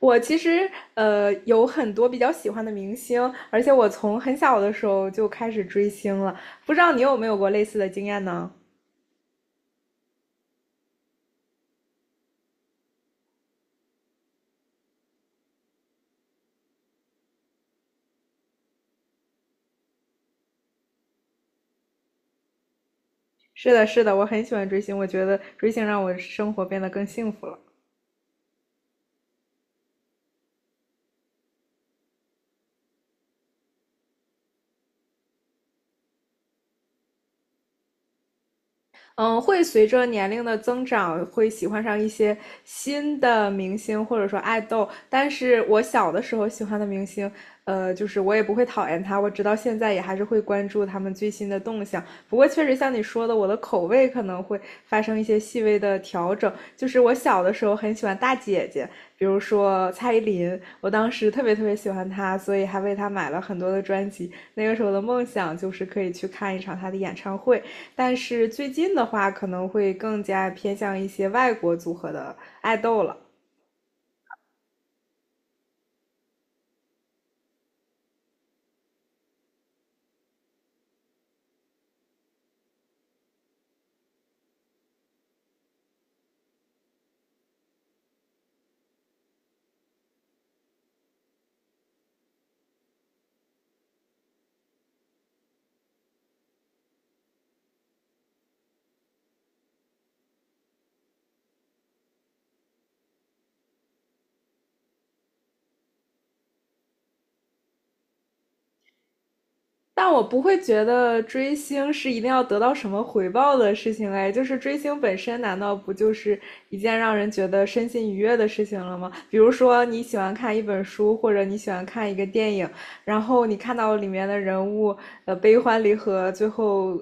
我其实有很多比较喜欢的明星，而且我从很小的时候就开始追星了。不知道你有没有过类似的经验呢？是的，是的，我很喜欢追星，我觉得追星让我生活变得更幸福了。嗯，会随着年龄的增长，会喜欢上一些新的明星或者说爱豆。但是我小的时候喜欢的明星，就是我也不会讨厌他，我直到现在也还是会关注他们最新的动向。不过确实像你说的，我的口味可能会发生一些细微的调整。就是我小的时候很喜欢大姐姐，比如说蔡依林，我当时特别特别喜欢她，所以还为她买了很多的专辑。那个时候的梦想就是可以去看一场她的演唱会。但是最近的话，可能会更加偏向一些外国组合的爱豆了。但我不会觉得追星是一定要得到什么回报的事情哎，就是追星本身难道不就是一件让人觉得身心愉悦的事情了吗？比如说你喜欢看一本书，或者你喜欢看一个电影，然后你看到里面的人物悲欢离合，最后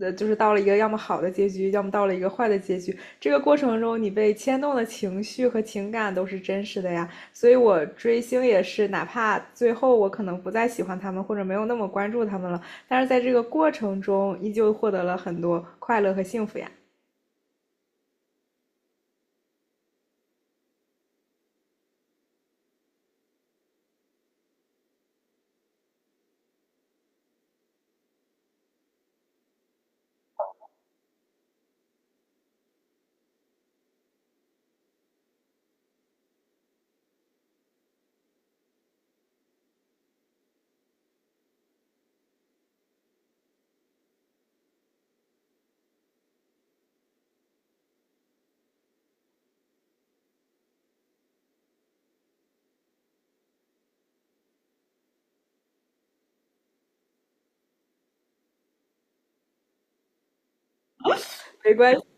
就是到了一个要么好的结局，要么到了一个坏的结局，这个过程中你被牵动的情绪和情感都是真实的呀。所以我追星也是，哪怕最后我可能不再喜欢他们，或者没有那么关注他们了，但是在这个过程中，依旧获得了很多快乐和幸福呀。没关系。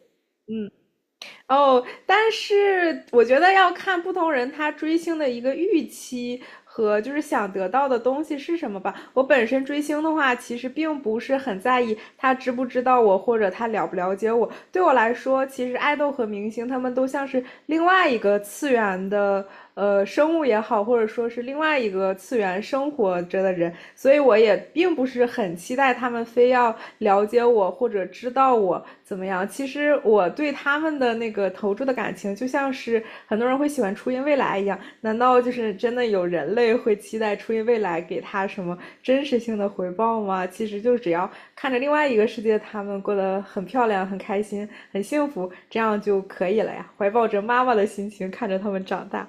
哦，但是我觉得要看不同人他追星的一个预期和就是想得到的东西是什么吧。我本身追星的话，其实并不是很在意他知不知道我或者他了不了解我。对我来说，其实爱豆和明星他们都像是另外一个次元的生物也好，或者说是另外一个次元生活着的人，所以我也并不是很期待他们非要了解我或者知道我怎么样。其实我对他们的那个投注的感情，就像是很多人会喜欢初音未来一样，难道就是真的有人类会期待初音未来给他什么真实性的回报吗？其实就只要看着另外一个世界，他们过得很漂亮、很开心、很幸福，这样就可以了呀。怀抱着妈妈的心情看着他们长大。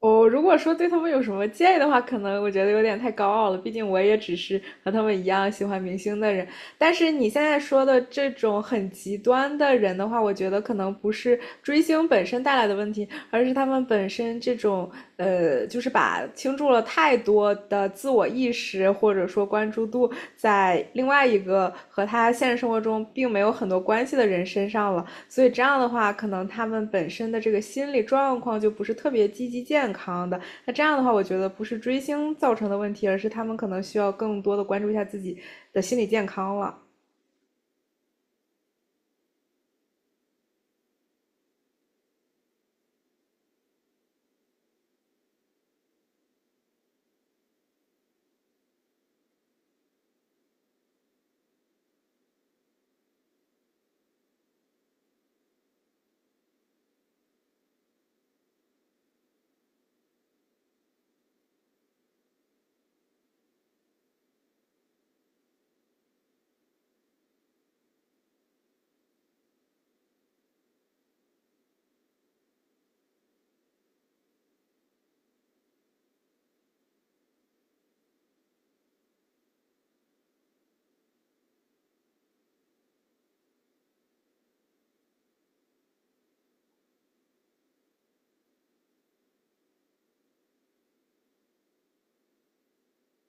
我如果说对他们有什么建议的话，可能我觉得有点太高傲了。毕竟我也只是和他们一样喜欢明星的人。但是你现在说的这种很极端的人的话，我觉得可能不是追星本身带来的问题，而是他们本身这种就是把倾注了太多的自我意识或者说关注度在另外一个和他现实生活中并没有很多关系的人身上了。所以这样的话，可能他们本身的这个心理状况就不是特别积极健康的。那这样的话，我觉得不是追星造成的问题，而是他们可能需要更多的关注一下自己的心理健康了。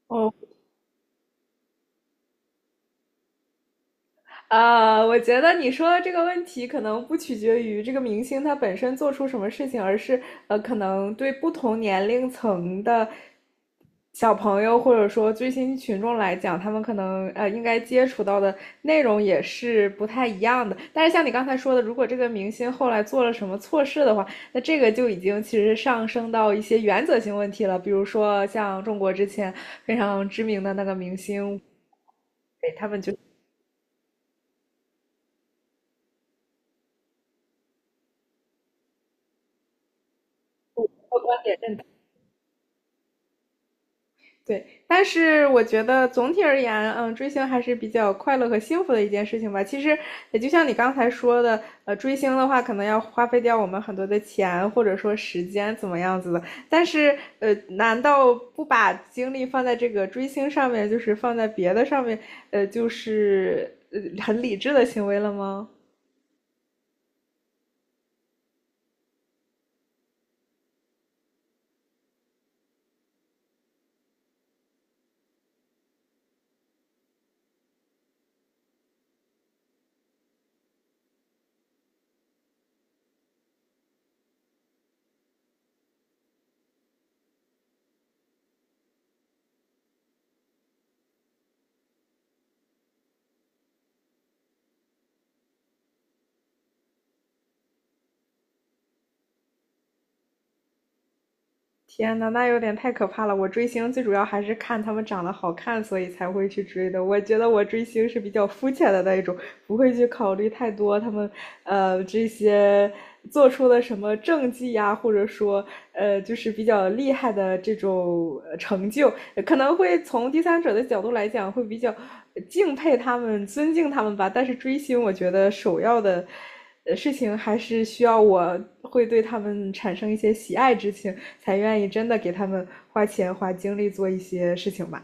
哦，啊，我觉得你说的这个问题可能不取决于这个明星他本身做出什么事情，而是可能对不同年龄层的小朋友或者说追星群众来讲，他们可能应该接触到的内容也是不太一样的。但是像你刚才说的，如果这个明星后来做了什么错事的话，那这个就已经其实上升到一些原则性问题了，比如说像中国之前非常知名的那个明星。给他们就。对，但是我觉得总体而言，嗯，追星还是比较快乐和幸福的一件事情吧。其实也就像你刚才说的，追星的话可能要花费掉我们很多的钱或者说时间怎么样子的，但是难道不把精力放在这个追星上面，就是放在别的上面，就是很理智的行为了吗？天呐，那有点太可怕了！我追星最主要还是看他们长得好看，所以才会去追的。我觉得我追星是比较肤浅的那一种，不会去考虑太多他们这些做出了什么政绩呀，或者说就是比较厉害的这种成就，可能会从第三者的角度来讲会比较敬佩他们、尊敬他们吧。但是追星，我觉得首要的。事情还是需要我会对他们产生一些喜爱之情，才愿意真的给他们花钱花精力做一些事情吧。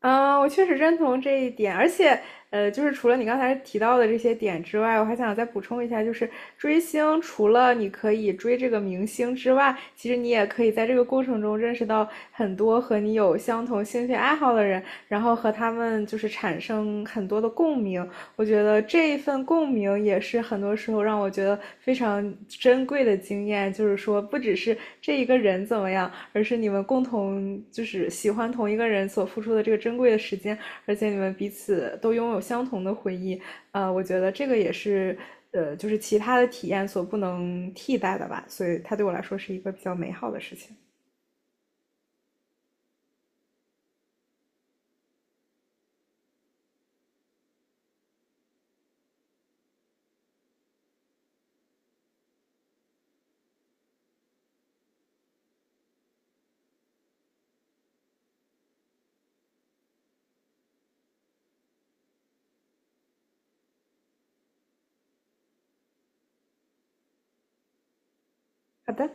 嗯，我确实认同这一点，而且，就是除了你刚才提到的这些点之外，我还想再补充一下，就是追星，除了你可以追这个明星之外，其实你也可以在这个过程中认识到很多和你有相同兴趣爱好的人，然后和他们就是产生很多的共鸣，我觉得这一份共鸣也是很多时候让我觉得非常珍贵的经验，就是说不只是这一个人怎么样，而是你们共同就是喜欢同一个人所付出的这个珍贵的时间，而且你们彼此都拥有相同的回忆，我觉得这个也是就是其他的体验所不能替代的吧，所以它对我来说是一个比较美好的事情。好的。